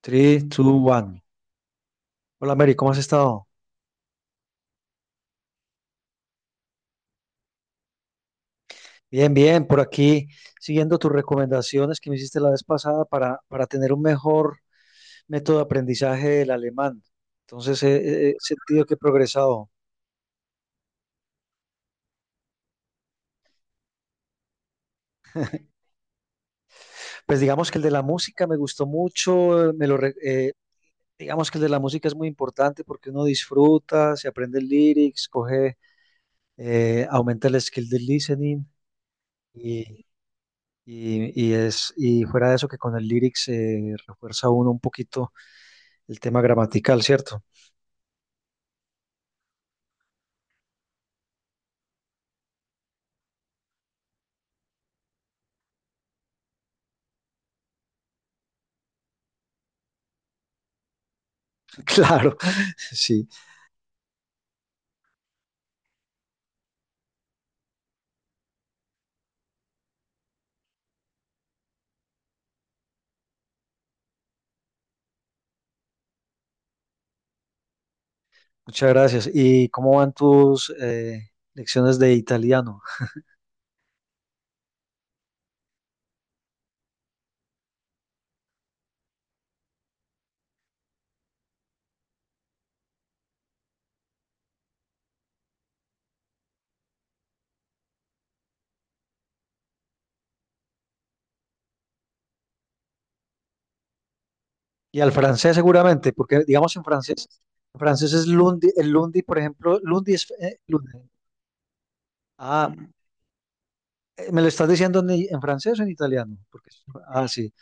3, 2, 1. Hola Mary, ¿cómo has estado? Bien, bien, por aquí siguiendo tus recomendaciones que me hiciste la vez pasada para tener un mejor método de aprendizaje del alemán. Entonces he sentido que he progresado. Pues digamos que el de la música me gustó mucho, digamos que el de la música es muy importante porque uno disfruta, se aprende el lyrics, coge, aumenta el skill del listening y, y fuera de eso que con el lyrics se refuerza uno un poquito el tema gramatical, ¿cierto? Claro, sí. Muchas gracias. ¿Y cómo van tus lecciones de italiano? Y al francés seguramente, porque digamos en francés es lundi, el lundi, por ejemplo, lundi es lundi. Ah, ¿me lo estás diciendo en francés o en italiano? Porque, ah, sí.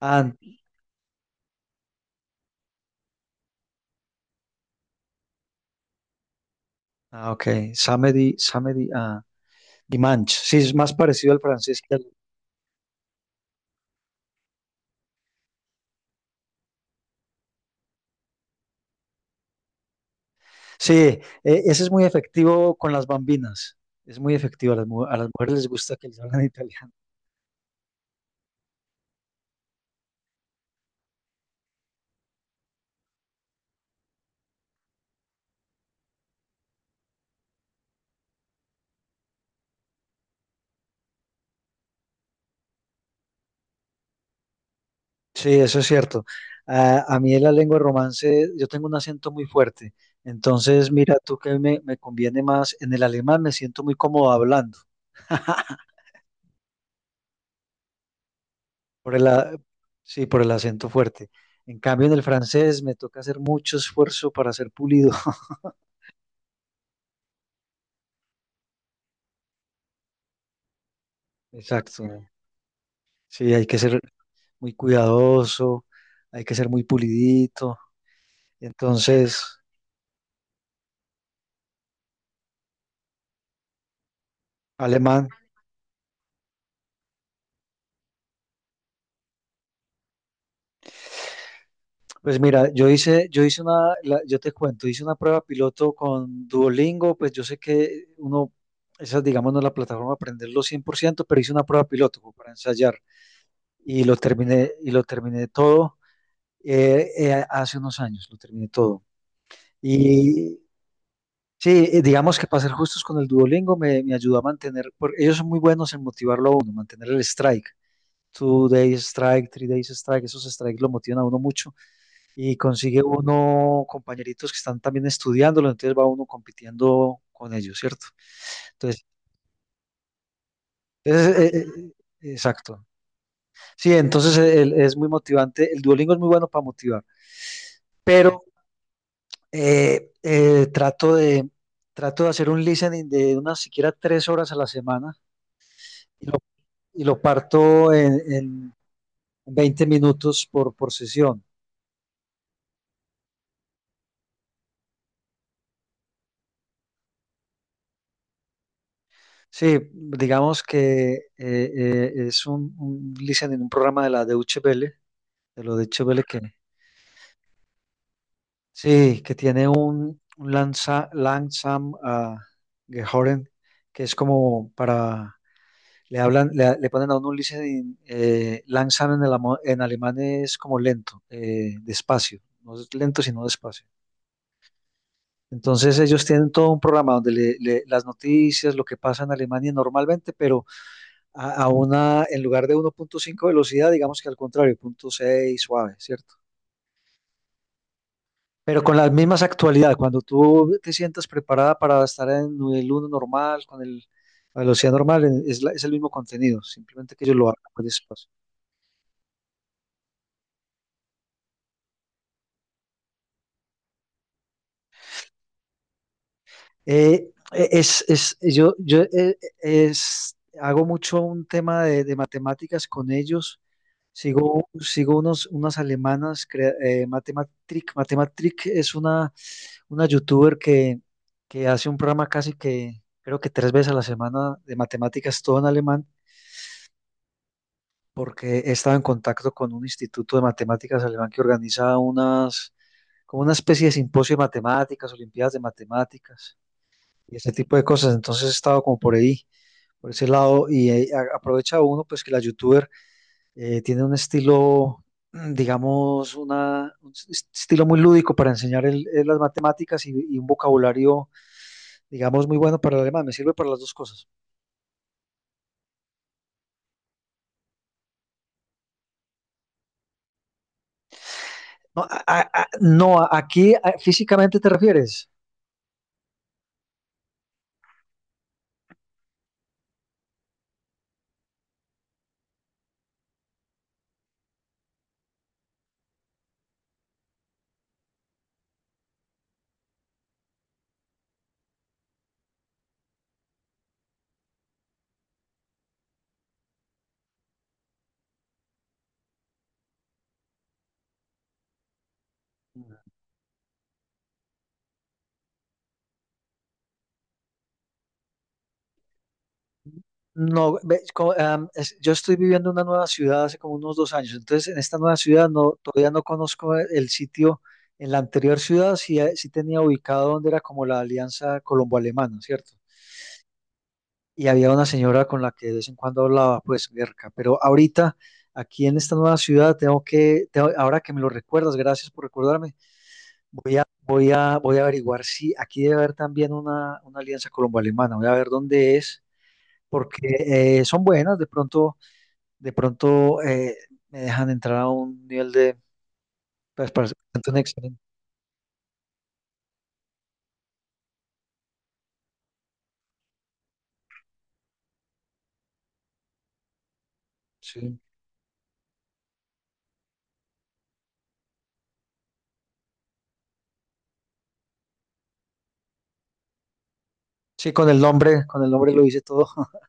Ah, ah, ok. Samedi, samedi, ah. Dimanche. Sí, es más parecido al francés que al... Sí, ese es muy efectivo con las bambinas. Es muy efectivo. A las mujeres les gusta que les hablen en italiano. Sí, eso es cierto. A mí, en la lengua romance, yo tengo un acento muy fuerte. Entonces, mira tú que me conviene más. En el alemán me siento muy cómodo hablando, por el, a- sí, por el acento fuerte. En cambio, en el francés me toca hacer mucho esfuerzo para ser pulido. Exacto. Sí, hay que ser muy cuidadoso, hay que ser muy pulidito. Entonces, alemán. Pues mira, yo hice yo te cuento, hice una prueba piloto con Duolingo, pues yo sé que uno, esa digamos no es la plataforma para aprenderlo 100%, pero hice una prueba piloto como para ensayar y lo terminé todo, hace unos años, lo terminé todo. Y sí, digamos que, para ser justos con el Duolingo, me ayudó a mantener, porque ellos son muy buenos en motivarlo a uno, mantener el strike, two days strike, three days strike, esos strikes lo motivan a uno mucho y consigue uno compañeritos que están también estudiándolo, entonces va uno compitiendo con ellos, ¿cierto? Entonces, es- eh, eh, exacto. Sí, entonces, es muy motivante, el Duolingo es muy bueno para motivar, pero eh, eh, trato de, trato de hacer un listening de unas siquiera 3 horas a la semana y lo parto en 20 minutos por sesión. Sí, digamos que, es, un listening, un programa de la Deutsche Welle, de lo de Chevelle, que sí, que tiene un lanza, Langsam Gehoren, que es como para, le hablan, le ponen a uno un listening, Langsam en alemán es como lento, despacio, no es lento sino despacio. Entonces ellos tienen todo un programa donde las noticias, lo que pasa en Alemania normalmente, pero, a una, en lugar de 1.5 velocidad, digamos que al contrario, 0.6 suave, ¿cierto? Pero con las mismas actualidades, cuando tú te sientas preparada para estar en el uno normal, la velocidad normal, es el mismo contenido, simplemente que ellos lo hagan con espacio. Es, yo yo es, Hago mucho un tema de matemáticas con ellos. Sigo unas alemanas, Matematrick. Matematrick es una youtuber que hace un programa casi que, creo que, 3 veces a la semana de matemáticas, todo en alemán porque he estado en contacto con un instituto de matemáticas alemán que organiza como una especie de simposio de matemáticas, olimpiadas de matemáticas y ese tipo de cosas. Entonces he estado como por ahí, por ese lado, y aprovecha uno, pues, que la youtuber tiene un estilo, digamos, estilo muy lúdico para enseñar las matemáticas y un vocabulario, digamos, muy bueno para el alemán. Me sirve para las dos cosas. No, no, aquí físicamente te refieres. No, ve, yo estoy viviendo en una nueva ciudad hace como unos 2 años, entonces en esta nueva ciudad no, todavía no conozco el sitio. En la anterior ciudad sí, sí tenía ubicado donde era, como la alianza colombo-alemana, ¿cierto? Y había una señora con la que de vez en cuando hablaba, pues, cerca. Pero ahorita, aquí en esta nueva ciudad, tengo que, ahora que me lo recuerdas, gracias por recordarme, voy a averiguar si aquí debe haber también una alianza colombo-alemana, voy a ver dónde es, porque, son buenas, de pronto me dejan entrar a un nivel de, pues, para ser un excelente. Sí. Sí, con el nombre lo hice todo.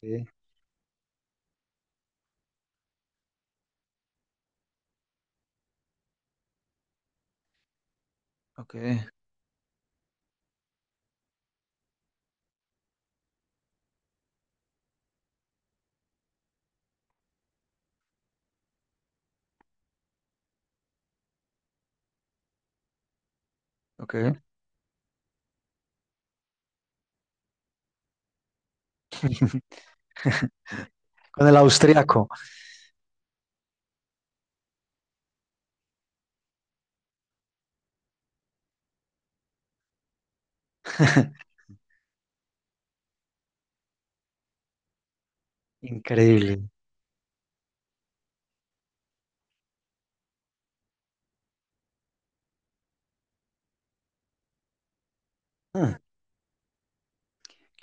Sí, ok, ok. Con el austríaco. Increíble. Mm,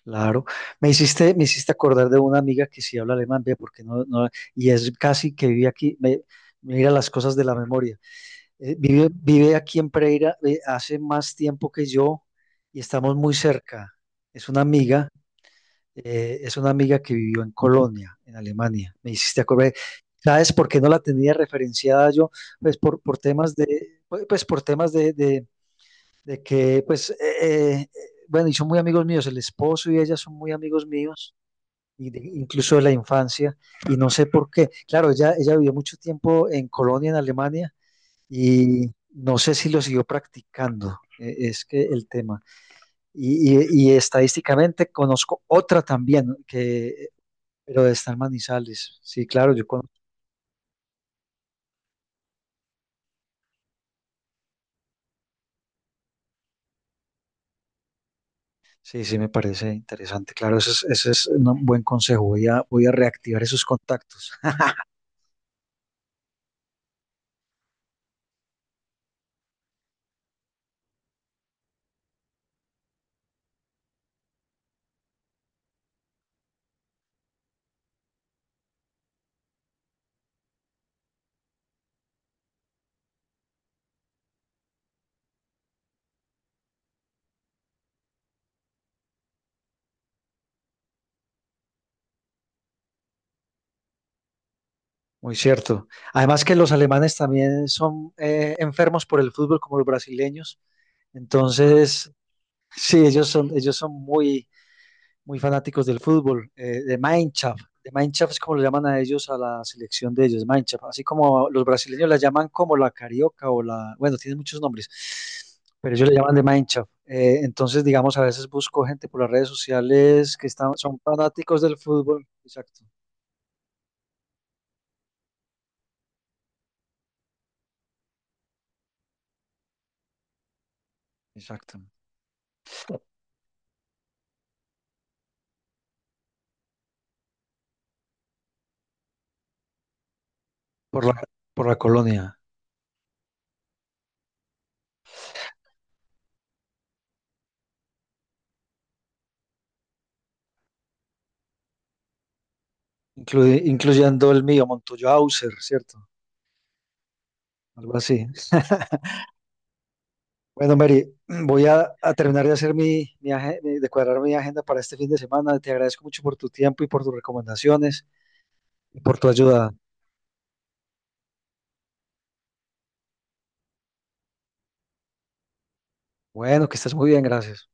claro. Me hiciste acordar de una amiga que sí habla alemán, ve, porque no, no, y es casi que vive aquí. Mira las cosas de la memoria. Vive aquí en Pereira, hace más tiempo que yo y estamos muy cerca. Es una amiga. Es una amiga que vivió en Colonia, en Alemania. Me hiciste acordar. ¿Sabes por qué no la tenía referenciada yo? Pues por temas de, pues por temas de que, pues, bueno, y son muy amigos míos, el esposo y ella son muy amigos míos, y incluso de la infancia, y no sé por qué. Claro, ella vivió mucho tiempo en Colonia, en Alemania, y no sé si lo siguió practicando, es que el tema. Y, y estadísticamente conozco otra también, que pero está en Manizales. Sí, claro, yo con... Sí, sí, me parece interesante. Claro, ese es un buen consejo. Voy a reactivar esos contactos. Muy cierto. Además, que los alemanes también son, enfermos por el fútbol como los brasileños. Entonces, sí, ellos son muy, muy fanáticos del fútbol, de Mineshaft. De Mineshaft es como le llaman a ellos, a la selección de ellos, Mineshaft. Así como los brasileños la llaman como la carioca o bueno, tienen muchos nombres, pero ellos le llaman de Mineshaft. Entonces, digamos, a veces busco gente por las redes sociales, que son fanáticos del fútbol. Exacto, exacto. Por la, por la colonia, incluyendo el mío, Montoya Auser, ¿cierto? Algo así. Bueno, Mary, voy a terminar de hacer de cuadrar mi agenda para este fin de semana. Te agradezco mucho por tu tiempo y por tus recomendaciones y por tu ayuda. Bueno, que estés muy bien, gracias.